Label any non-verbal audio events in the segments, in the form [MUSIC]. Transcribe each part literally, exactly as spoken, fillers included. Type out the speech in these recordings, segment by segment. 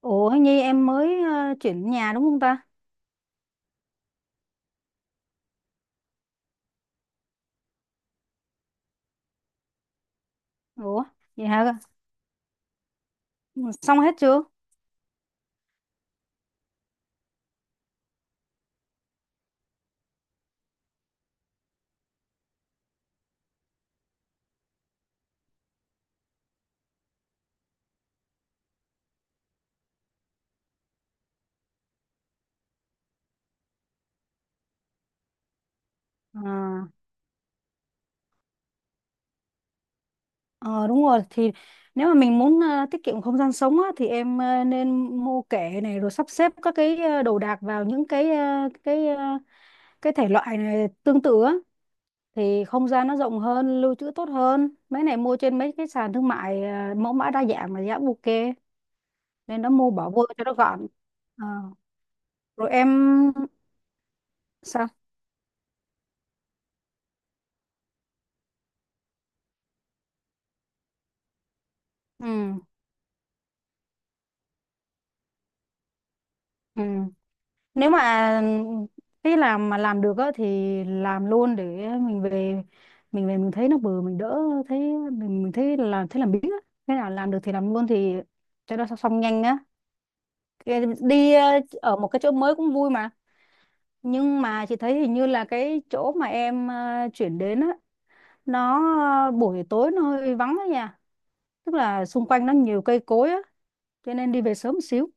Ủa Nhi em mới ờ, chuyển nhà đúng không ta? Ủa vậy hả? Ừ, xong hết chưa? À, ờ, đúng rồi thì nếu mà mình muốn ờ, tiết kiệm không gian sống á, thì em ờ, nên mua kệ này rồi sắp xếp các cái ờ, đồ đạc vào những cái ờ, cái ờ, cái thể loại này tương tự á thì không gian nó rộng hơn, lưu trữ tốt hơn. Mấy này mua trên mấy cái sàn thương mại, ờ, mẫu mã đa dạng mà giá ok nên nó mua bỏ vô cho nó gọn. Ờ, Rồi em sao? Ừ. Ừ. Nếu mà cái làm mà làm được á thì làm luôn để mình về, mình về mình thấy nó bừa mình đỡ thấy mình, mình thấy là thấy làm biếng á, thế nào làm được thì làm luôn thì cho nó xong nhanh á. Cái- đi ờ, ở một cái chỗ mới cũng vui mà, nhưng mà chị thấy hình như là cái chỗ mà em ờ, chuyển đến á, nó ờ, buổi tối nó hơi vắng á nha, tức là xung quanh nó nhiều cây cối á, cho nên đi về sớm một xíu.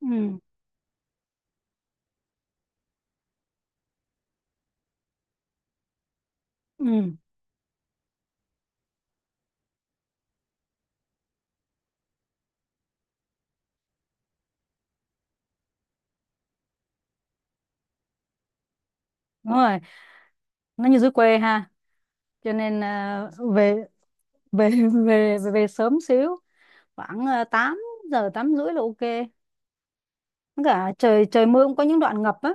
Ừ, ừ, đúng rồi, nó như dưới quê ha. Cho nên à, về về [LAUGHS] về về, về sớm xíu, khoảng ờ, tám giờ tám rưỡi là ok. Với cả trời trời mưa cũng có những đoạn ngập á,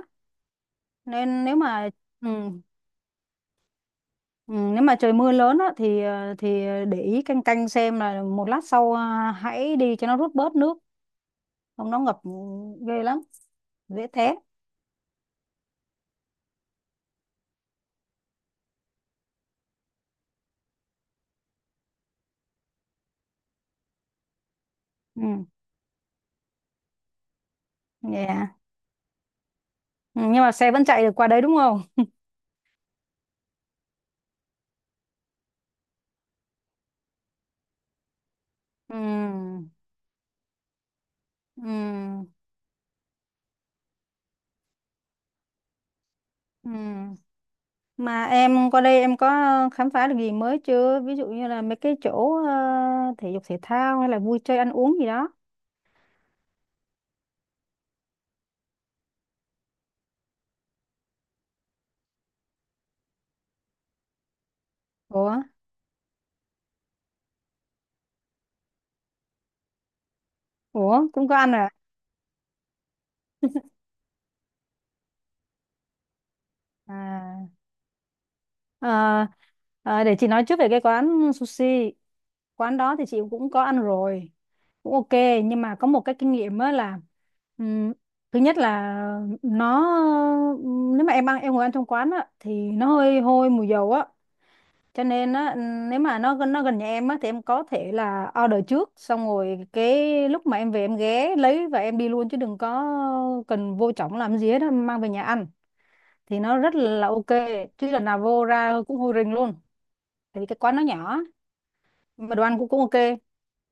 nên nếu mà ừ, ừ, nếu mà trời mưa lớn á thì, ờ, thì để ý canh canh xem là một lát sau à, hãy đi cho nó rút bớt nước, không nó ngập ghê lắm, dễ té. Ừ. Yeah. Ừ, nhưng mà xe vẫn chạy được qua đấy đúng không? Ừ. Ừ. Ừ. Mà em qua đây em có ờ, khám phá được gì mới chưa? Ví dụ như là mấy cái chỗ ờ, thể dục thể thao hay là vui chơi ăn uống gì đó. Ủa? Ủa? Cũng có ăn à? À, ờ, ờ, để chị nói trước về cái quán sushi. Quán đó thì chị cũng có ăn rồi. Cũng ok. Nhưng mà có một cái kinh nghiệm á là, ừm, thứ nhất là nó, nếu mà em ăn em ngồi ăn trong quán á thì nó hơi hôi mùi dầu á, cho nên á ừ, nếu mà nó gần- nó gần nhà em á thì em có thể là order trước, xong rồi cái lúc mà em về em ghé lấy và em đi luôn chứ đừng có cần vô trỏng làm gì hết á, mang về nhà ăn thì nó rất là ok, chứ lần nào vô ra cũng hôi rình luôn, tại vì cái quán nó nhỏ, mà đồ ăn cũng cũng ok.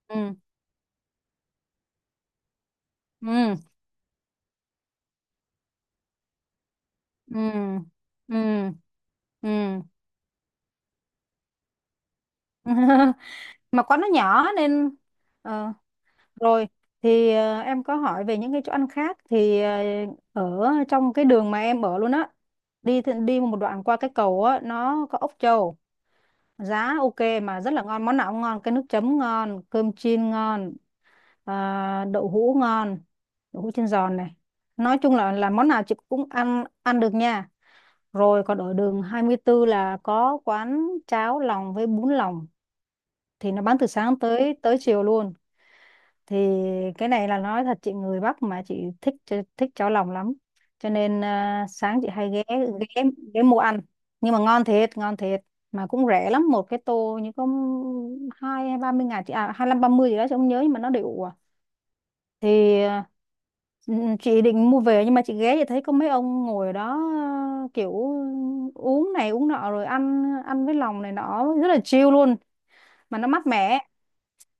Ừ. Ừ. Ừ. Ừ. Ừ. [LAUGHS] Mà quán nó nhỏ nên ờ, rồi thì ờ, em có hỏi về những cái chỗ ăn khác thì ờ, ở trong cái đường mà em ở luôn á, đi thì- đi một đoạn qua cái cầu á nó có ốc trâu, giá ok mà rất là ngon, món nào cũng ngon, cái nước chấm ngon, cơm chiên ngon, à, đậu hũ ngon, đậu hũ chiên giòn này, nói chung là là món nào chị cũng ăn ăn được nha. Rồi còn ở đường hai mươi tư là có quán cháo lòng với bún lòng, thì nó bán từ sáng tới tới chiều luôn. Thì cái này là nói thật, chị người Bắc mà chị thích ch- thích cháo lòng lắm, cho nên à, sáng chị hay ghé, ghé ghé mua ăn, nhưng mà ngon thiệt ngon thiệt, mà cũng rẻ lắm, một cái tô như có hai hay ba mươi ngàn chị à, hai năm ba mươi gì đó chị không nhớ, nhưng mà nó đều à. Thì à, ừ, ừ, chị định mua về, nhưng mà chị ghé thì thấy có mấy ông ngồi ở đó, à, kiểu uống này uống nọ rồi ăn ăn với lòng này nọ rất là chill luôn, mà nó mát mẻ,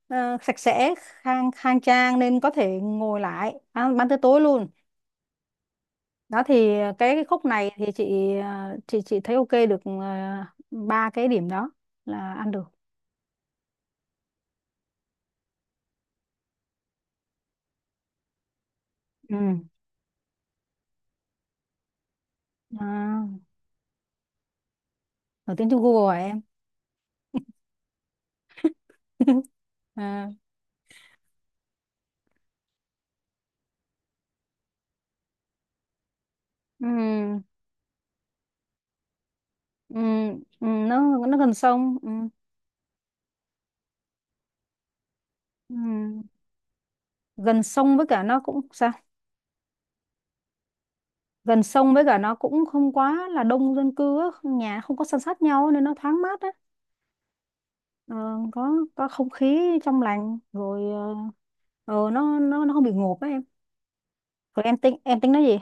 ờ, sạch sẽ, khang khang trang nên có thể ngồi lại ăn, ăn tới tối luôn. Đó thì cái, cái khúc này thì chị ờ, chị chị thấy ok được, ờ, ba cái điểm đó là ăn được. Ừ, à, nổi tiếng trong Google hả em? [LAUGHS] À, ừ, ừ, ừ, nó nó gần sông, ừ, ừ. Gần sông với cả nó cũng sao, gần sông với cả nó cũng không quá là đông dân cư á, không- nhà không có san sát nhau nên nó thoáng mát á. Ờ, có có không khí trong lành rồi, ờ, ờ, nó nó nó không bị ngộp á em. Rồi em tính, em tính nói gì?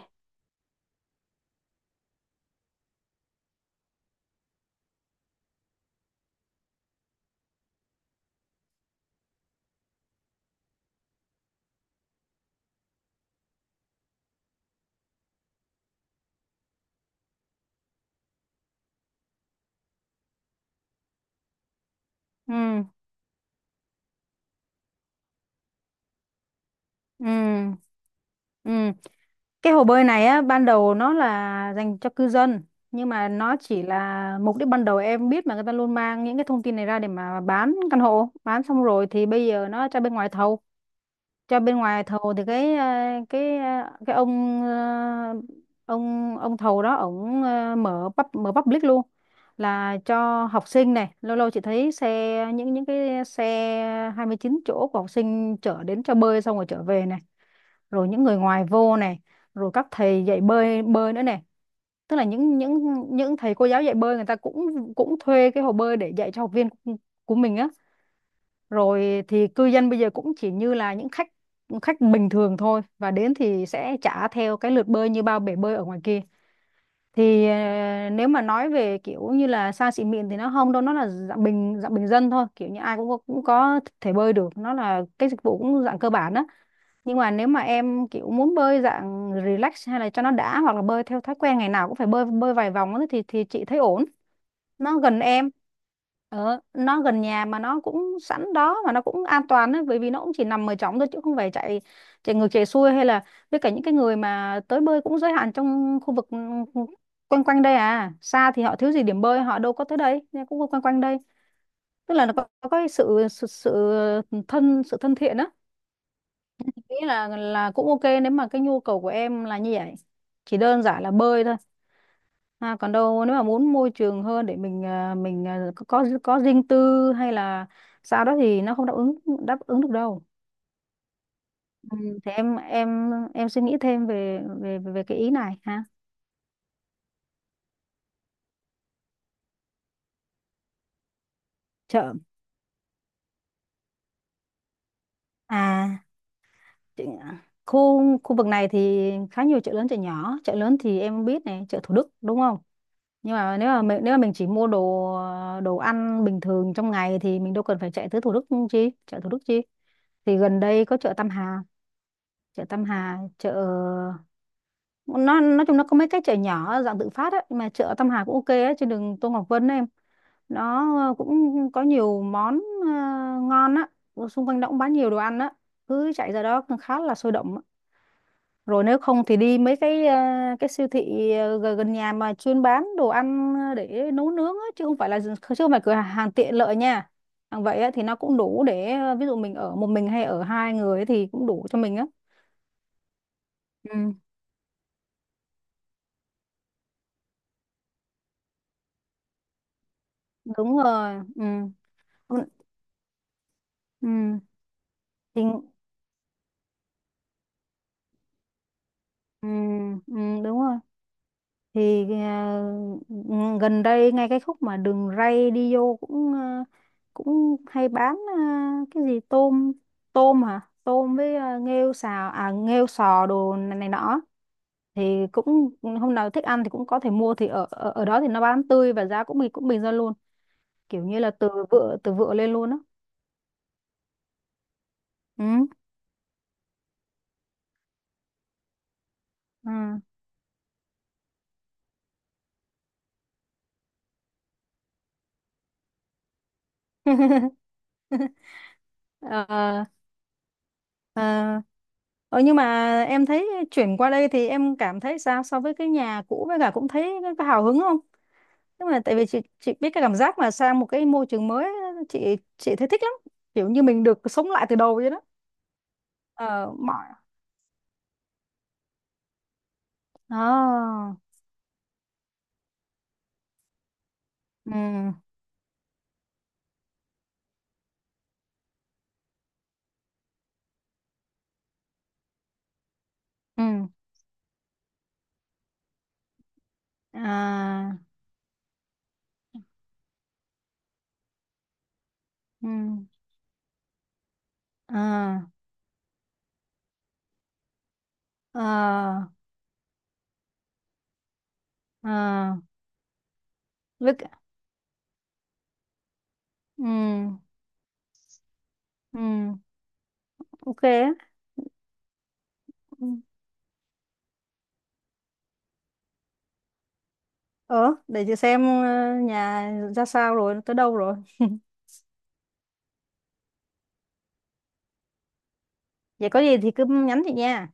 Ừ. Ừ. Ừ. Cái hồ bơi này á, ban đầu nó là dành cho cư dân, nhưng mà nó chỉ là mục đích ban đầu, em biết mà, người ta luôn mang những cái thông tin này ra để mà bán căn hộ, bán xong rồi thì bây giờ nó cho bên ngoài thầu. Cho bên ngoài thầu thì cái ờ, cái ờ, cái ông, ờ, ông ông thầu đó, ổng ờ, mở pub mở public luôn, là cho học sinh này, lâu lâu chị thấy xe, những những cái xe hai mươi chín chỗ của học sinh chở đến cho bơi xong rồi trở về này, rồi những người ngoài vô này, rồi các thầy dạy bơi bơi nữa này, tức là những những những thầy cô giáo dạy bơi, người ta cũng cũng thuê cái hồ bơi để dạy cho học viên của của mình á. Rồi thì cư dân bây giờ cũng chỉ như là những khách, khách bình thường thôi, và đến thì sẽ trả theo cái lượt bơi như bao bể bơi ở ngoài kia. Thì ờ, nếu mà nói về kiểu như là xa xỉ mịn thì nó không đâu, nó là dạng bình dạng bình dân thôi, kiểu như ai cũng có, cũng có thể bơi được, nó là cái dịch vụ cũng dạng cơ bản á. Nhưng mà nếu mà em kiểu muốn bơi dạng relax hay là cho nó đã, hoặc là bơi theo thói quen ngày nào cũng phải bơi bơi vài vòng á thì thì chị thấy ổn. Nó gần em, ờ, nó gần nhà mà nó cũng sẵn đó, mà nó cũng an toàn ấy, bởi vì nó cũng chỉ nằm ở trống thôi chứ không phải chạy, chạy ngược chạy xuôi hay là, với cả những cái người mà tới bơi cũng giới hạn trong khu vực, ừ, quanh quanh đây à, xa thì họ thiếu gì điểm bơi, họ đâu có tới đây, nên cũng quanh quanh đây, tức là nó có, có cái sự, sự sự thân sự thân thiện á. Nghĩ là là cũng ok nếu mà cái nhu cầu của em là như vậy, chỉ đơn giản là bơi thôi. À, còn đâu nếu mà muốn môi trường hơn để mình à, mình à, có có có riêng tư hay là sao đó thì nó không đáp ứng đáp ứng được đâu. Ừ, thì em em em suy nghĩ thêm về về về cái ý này ha. Chợ à chị- khu khu vực này thì khá nhiều chợ lớn chợ nhỏ. Chợ lớn thì em biết này, chợ Thủ Đức đúng không? Nhưng mà nếu mà mình, nếu mà mình chỉ mua đồ, à, đồ ăn bình thường trong ngày thì mình đâu cần phải chạy tới Thủ Đức chi, chợ Thủ Đức chi. Thì gần đây có chợ Tam Hà, chợ Tam Hà, chợ nó nói chung nó có mấy cái chợ nhỏ dạng tự phát ấy, mà chợ Tâm Hà cũng ok ấy, trên đường Tô Ngọc Vân ấy em, nó ờ, cũng có nhiều món ờ, ngon á. Ở xung quanh đó cũng bán nhiều đồ ăn á, cứ chạy ra đó cũng khá là sôi động á. Rồi nếu không thì đi mấy cái ờ, cái siêu thị ờ, gần gần nhà mà chuyên bán đồ ăn ờ, để nấu nướng á, chứ không phải là, chứ không phải cửa hàng tiện lợi nha, hàng vậy á, thì nó cũng đủ để, ờ, ví dụ mình ở một mình hay ở hai người ấy thì cũng đủ cho mình á. Ừ, đúng rồi, ừ. Ừ. Ừ. Thì. Ừ, ừ, đúng rồi thì, à, ng- gần đây ngay cái khúc mà đường ray đi vô cũng à, cũng hay bán à, cái gì tôm, tôm hả tôm với à, nghêu xào à nghêu sò đồ này, này nọ, thì cũng hôm nào thích ăn thì cũng có thể mua. Thì ở ở, ở đó thì nó bán tươi và giá cũng bình cũng bình dân luôn, kiểu như là từ vựa, từ vựa lên luôn á. Ừ, ừ. [LAUGHS] Ờ, à, ờ, nhưng mà em thấy chuyển qua đây thì em cảm thấy sao so với cái nhà cũ, với cả cũng thấy có hào hứng không? Nhưng mà tại vì chị chị biết cái cảm giác mà sang một cái môi trường mới, chị chị thấy thích lắm. Kiểu như mình được sống lại từ đầu vậy đó. Ờ mọi, à, ừ, ừ, à, ừ, à, à, à, với cả, ừ, ừ, ok á. Ừ. Ờ, để chị xem, ờ, nhà ra sao rồi, tới đâu rồi. Vậy có gì thì cứ nhắn chị nha.